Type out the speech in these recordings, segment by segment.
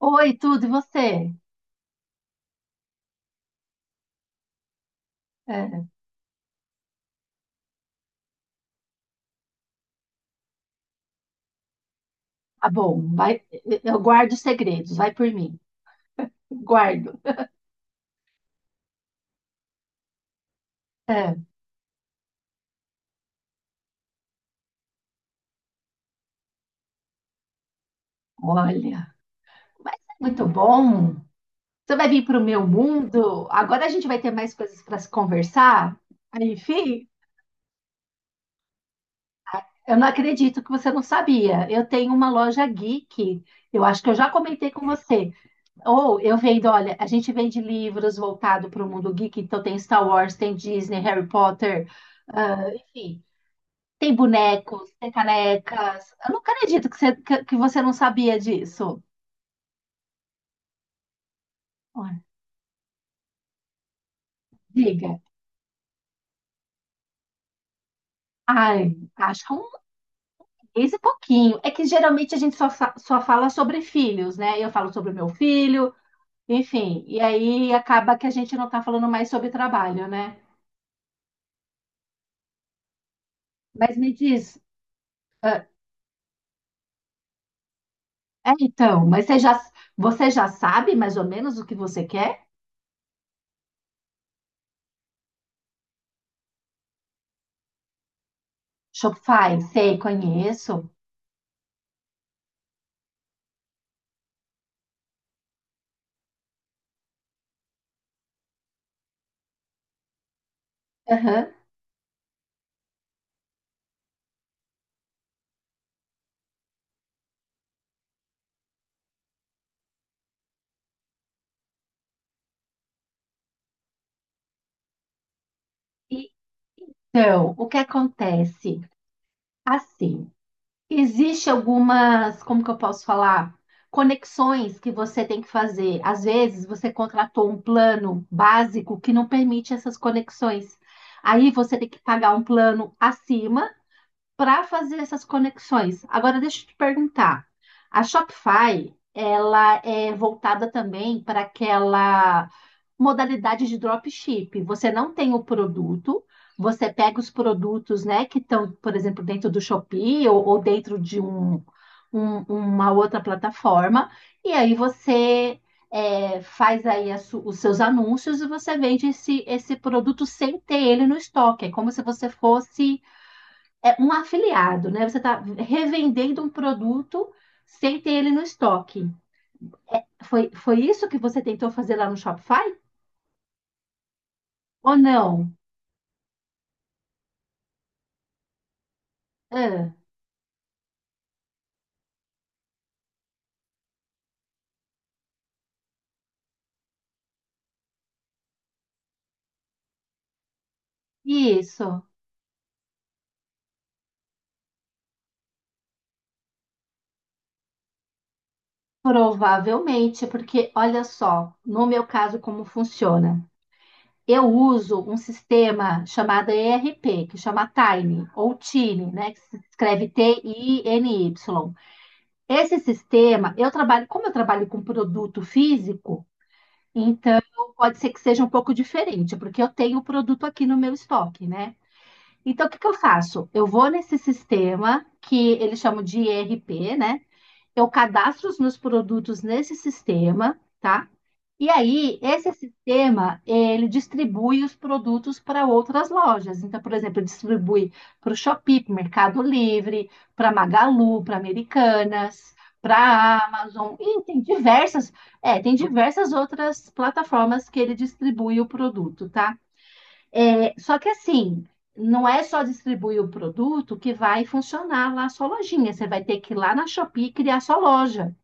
Oi, tudo, e você? É, tá bom, vai, eu guardo os segredos, vai por mim, guardo. É, Olha, mas é muito bom. Você vai vir para o meu mundo? Agora a gente vai ter mais coisas para se conversar? Aí, Fih, eu não acredito que você não sabia. Eu tenho uma loja geek, eu acho que eu já comentei com você. Ou eu vendo, olha, a gente vende livros voltado para o mundo geek, então tem Star Wars, tem Disney, Harry Potter, ah, enfim. Tem bonecos, tem canecas. Eu não acredito que você, que você não sabia disso. Olha, diga. Ai, acho que é um mês e pouquinho. É que geralmente a gente só, só fala sobre filhos, né? Eu falo sobre o meu filho, enfim. E aí acaba que a gente não tá falando mais sobre trabalho, né? Mas me diz, ah, mas você já sabe mais ou menos o que você quer? Shopify, sei, conheço. Aham. Então, o que acontece? Assim. Existe algumas, como que eu posso falar? Conexões que você tem que fazer. Às vezes você contratou um plano básico que não permite essas conexões. Aí você tem que pagar um plano acima para fazer essas conexões. Agora, deixa eu te perguntar. A Shopify, ela é voltada também para aquela modalidade de dropship. Você não tem o produto, você pega os produtos, né, que estão, por exemplo, dentro do Shopee ou dentro de uma outra plataforma, e aí você faz aí os seus anúncios e você vende esse, esse produto sem ter ele no estoque. É como se você fosse um afiliado, né? Você está revendendo um produto sem ter ele no estoque. Foi isso que você tentou fazer lá no Shopify? Ou não? Ah, isso, provavelmente, porque olha só, no meu caso, como funciona. Eu uso um sistema chamado ERP, que chama Tiny ou Tiny, né? Que se escreve Tiny. Esse sistema, eu trabalho, como eu trabalho com produto físico. Então, pode ser que seja um pouco diferente, porque eu tenho o produto aqui no meu estoque, né? Então, o que que eu faço? Eu vou nesse sistema que eles chamam de ERP, né? Eu cadastro os meus produtos nesse sistema, tá? E aí, esse sistema, ele distribui os produtos para outras lojas. Então, por exemplo, ele distribui para o Shopee, para o Mercado Livre, para Magalu, para Americanas, para a Amazon, e tem diversas, tem diversas outras plataformas que ele distribui o produto, tá? Só que assim, não é só distribuir o produto que vai funcionar lá a sua lojinha. Você vai ter que ir lá na Shopee e criar sua loja,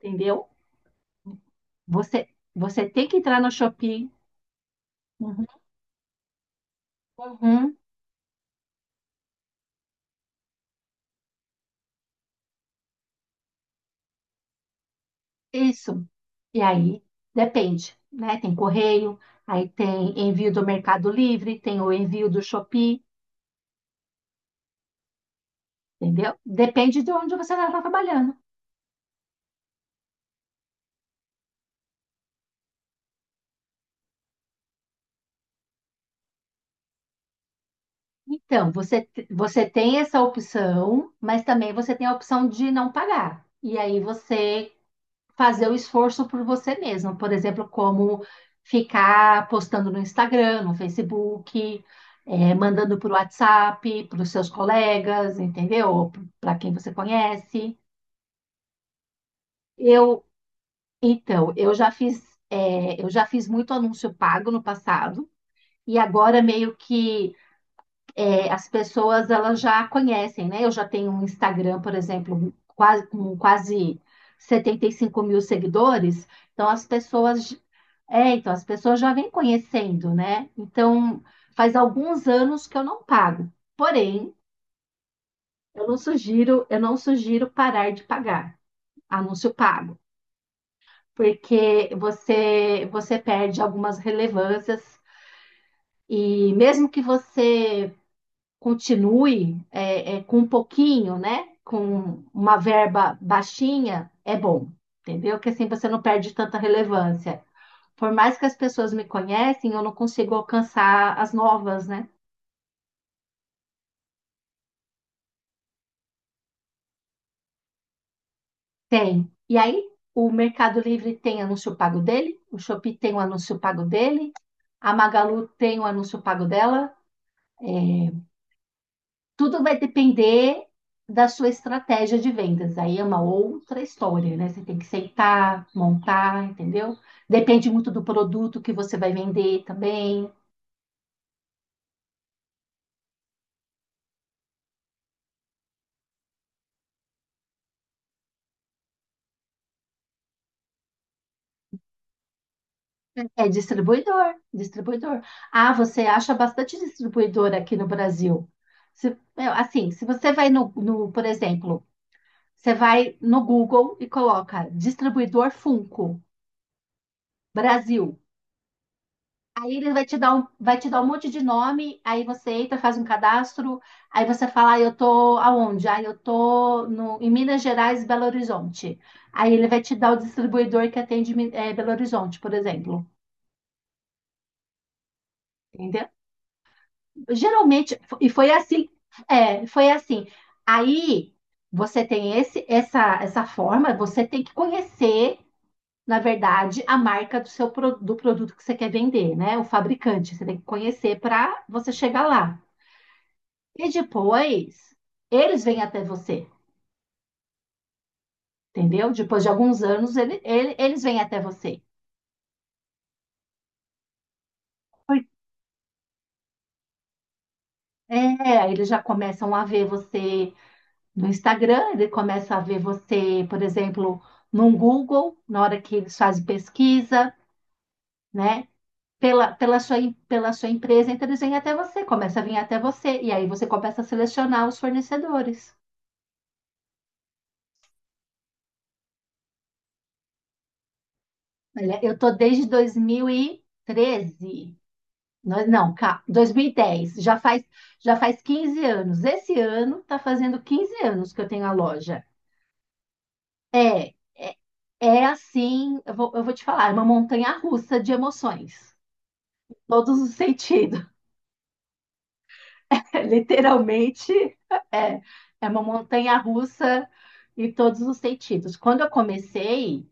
entendeu? Você, você tem que entrar na Shopee. Uhum, uhum, isso. E aí, depende, né? Tem correio, aí tem envio do Mercado Livre, tem o envio do Shopee, entendeu? Depende de onde você está trabalhando. Então, você, você tem essa opção, mas também você tem a opção de não pagar. E aí você fazer o esforço por você mesmo. Por exemplo, como ficar postando no Instagram, no Facebook, mandando por WhatsApp, para os seus colegas, entendeu? Para quem você conhece. Eu, então, eu já fiz muito anúncio pago no passado. E agora meio que as pessoas elas já conhecem, né? Eu já tenho um Instagram, por exemplo, quase, com quase 75 mil seguidores, então as pessoas então as pessoas já vêm conhecendo, né? Então faz alguns anos que eu não pago. Porém, eu não sugiro parar de pagar anúncio pago, porque você perde algumas relevâncias e mesmo que você continue com um pouquinho, né? Com uma verba baixinha, é bom, entendeu? Que assim você não perde tanta relevância. Por mais que as pessoas me conhecem, eu não consigo alcançar as novas, né? Tem. E aí, o Mercado Livre tem anúncio pago dele, o Shopee tem o anúncio pago dele, a Magalu tem o anúncio pago dela, é, tudo vai depender da sua estratégia de vendas. Aí é uma outra história, né? Você tem que sentar, montar, entendeu? Depende muito do produto que você vai vender também. É distribuidor, distribuidor. Ah, você acha bastante distribuidor aqui no Brasil. Meu, assim, se você vai no, por exemplo, você vai no Google e coloca distribuidor Funko, Brasil. Ele vai te dar um, vai te dar um monte de nome, aí você entra, faz um cadastro, aí você fala, ah, eu tô aonde? Ah, eu tô no, em Minas Gerais, Belo Horizonte. Aí ele vai te dar o distribuidor que atende Belo Horizonte, por exemplo. Entendeu? Geralmente, e foi assim, foi assim. Aí você tem essa forma, você tem que conhecer, na verdade, a marca do seu do produto que você quer vender, né? O fabricante, você tem que conhecer para você chegar lá. E depois, eles vêm até você, entendeu? Depois de alguns anos, eles vêm até você. Por- É, eles já começam a ver você no Instagram, ele começa a ver você, por exemplo, no Google, na hora que eles fazem pesquisa, né? Pela sua empresa, então eles vêm até você, começa a vir até você, e aí você começa a selecionar os fornecedores. Olha, eu tô desde 2013. Não, não, 2010, já faz 15 anos. Esse ano está fazendo 15 anos que eu tenho a loja. É, é, é assim, eu vou te falar, é uma montanha russa de emoções, todos os sentidos. Literalmente, é, é uma montanha russa em todos os sentidos. Quando eu comecei,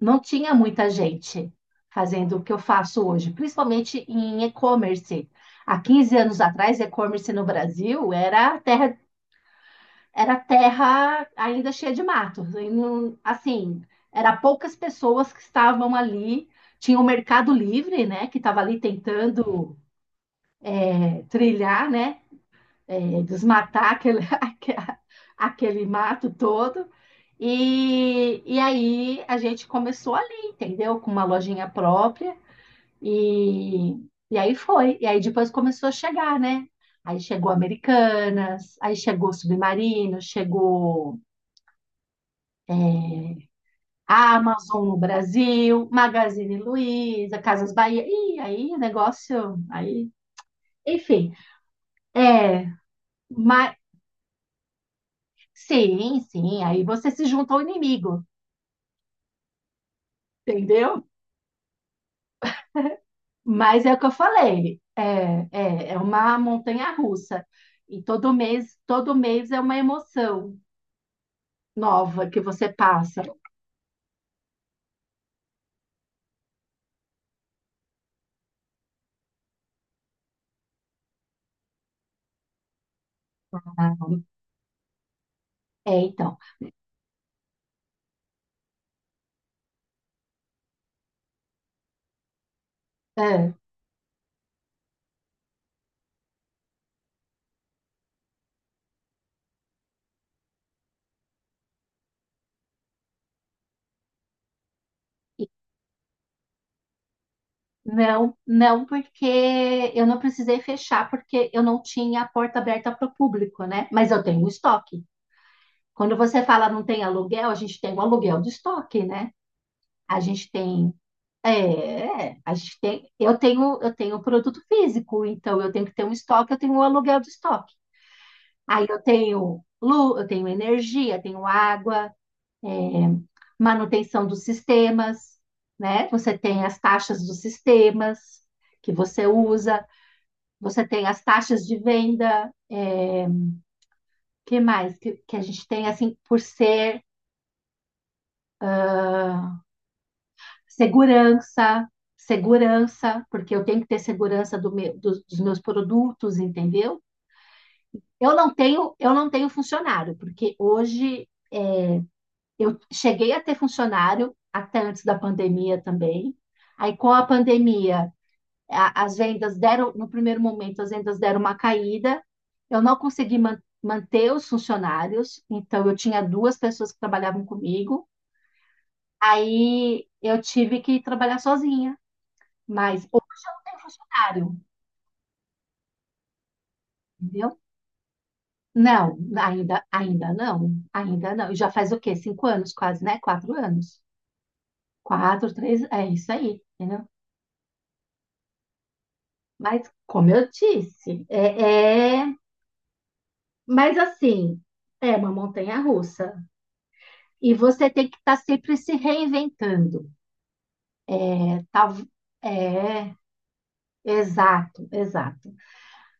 não tinha muita gente fazendo o que eu faço hoje, principalmente em e-commerce. Há 15 anos atrás, e-commerce no Brasil era terra ainda cheia de matos. E assim, era poucas pessoas que estavam ali. Tinha o Mercado Livre, né, que estava ali tentando trilhar, né, desmatar aquele, aquele mato todo. E aí a gente começou ali, entendeu? Com uma lojinha própria. E, e aí foi. E aí depois começou a chegar, né? Aí chegou Americanas, aí chegou Submarino, chegou a Amazon no Brasil, Magazine Luiza, Casas Bahia. E aí, negócio, aí, enfim. É, mas sim, sim, aí você se junta ao inimigo, entendeu? Mas é o que eu falei, é uma montanha russa. E todo mês é uma emoção nova que você passa. Ah, É, então, é, Não, não, porque eu não precisei fechar, porque eu não tinha a porta aberta para o público, né? Mas eu tenho um estoque. Quando você fala não tem aluguel, a gente tem um aluguel de estoque, né? A gente tem, a gente tem, eu tenho produto físico, então eu tenho que ter um estoque, eu tenho um aluguel de estoque. Aí eu tenho luz, eu tenho energia, tenho água, é, manutenção dos sistemas, né? Você tem as taxas dos sistemas que você usa. Você tem as taxas de venda, que mais que a gente tem assim por ser segurança, segurança, porque eu tenho que ter segurança do dos meus produtos, entendeu? Eu não tenho funcionário, porque hoje eu cheguei a ter funcionário até antes da pandemia também. Aí com a pandemia as vendas deram, no primeiro momento, as vendas deram uma caída. Eu não consegui manter os funcionários, então eu tinha duas pessoas que trabalhavam comigo. Aí eu tive que trabalhar sozinha, mas hoje eu não tenho funcionário, entendeu? Não, ainda, ainda não, ainda não. E já faz o quê? Cinco anos quase, né? Quatro anos. Quatro, três, é isso aí, entendeu? Mas, como eu disse, mas assim, é uma montanha-russa. E você tem que estar tá sempre se reinventando. Tá, é, exato, exato.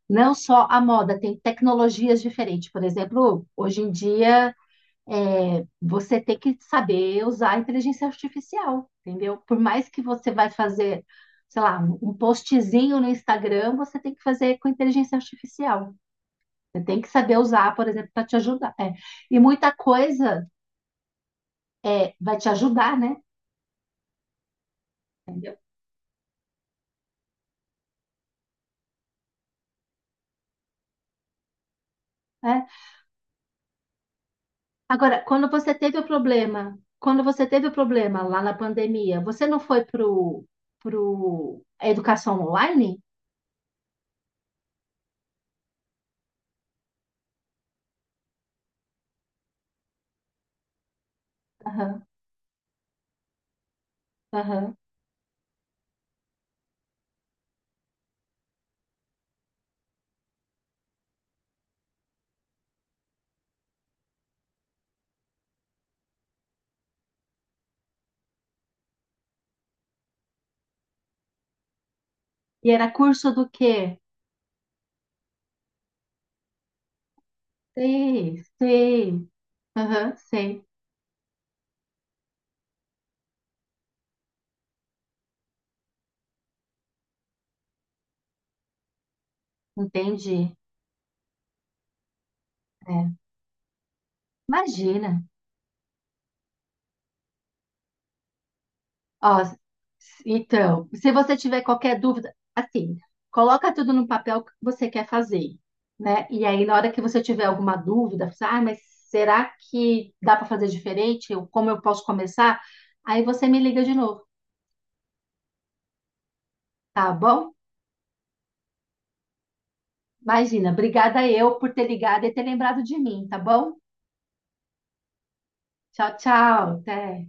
Não só a moda, tem tecnologias diferentes. Por exemplo, hoje em dia, você tem que saber usar a inteligência artificial, entendeu? Por mais que você vai fazer, sei lá, um postzinho no Instagram, você tem que fazer com inteligência artificial. Você tem que saber usar, por exemplo, para te ajudar. É. E muita coisa vai te ajudar, né? É, Agora, quando você teve o problema lá na pandemia, você não foi pro a educação online? Aham, aham. E era curso do quê? Sei, sei. Aham, sei. Entendi. É. Imagina. Ó, então, se você tiver qualquer dúvida, assim, coloca tudo no papel que você quer fazer, né? E aí, na hora que você tiver alguma dúvida, você, ah, mas será que dá para fazer diferente? Como eu posso começar? Aí você me liga de novo, tá bom? Imagina, obrigada eu por ter ligado e ter lembrado de mim, tá bom? Tchau, tchau, até.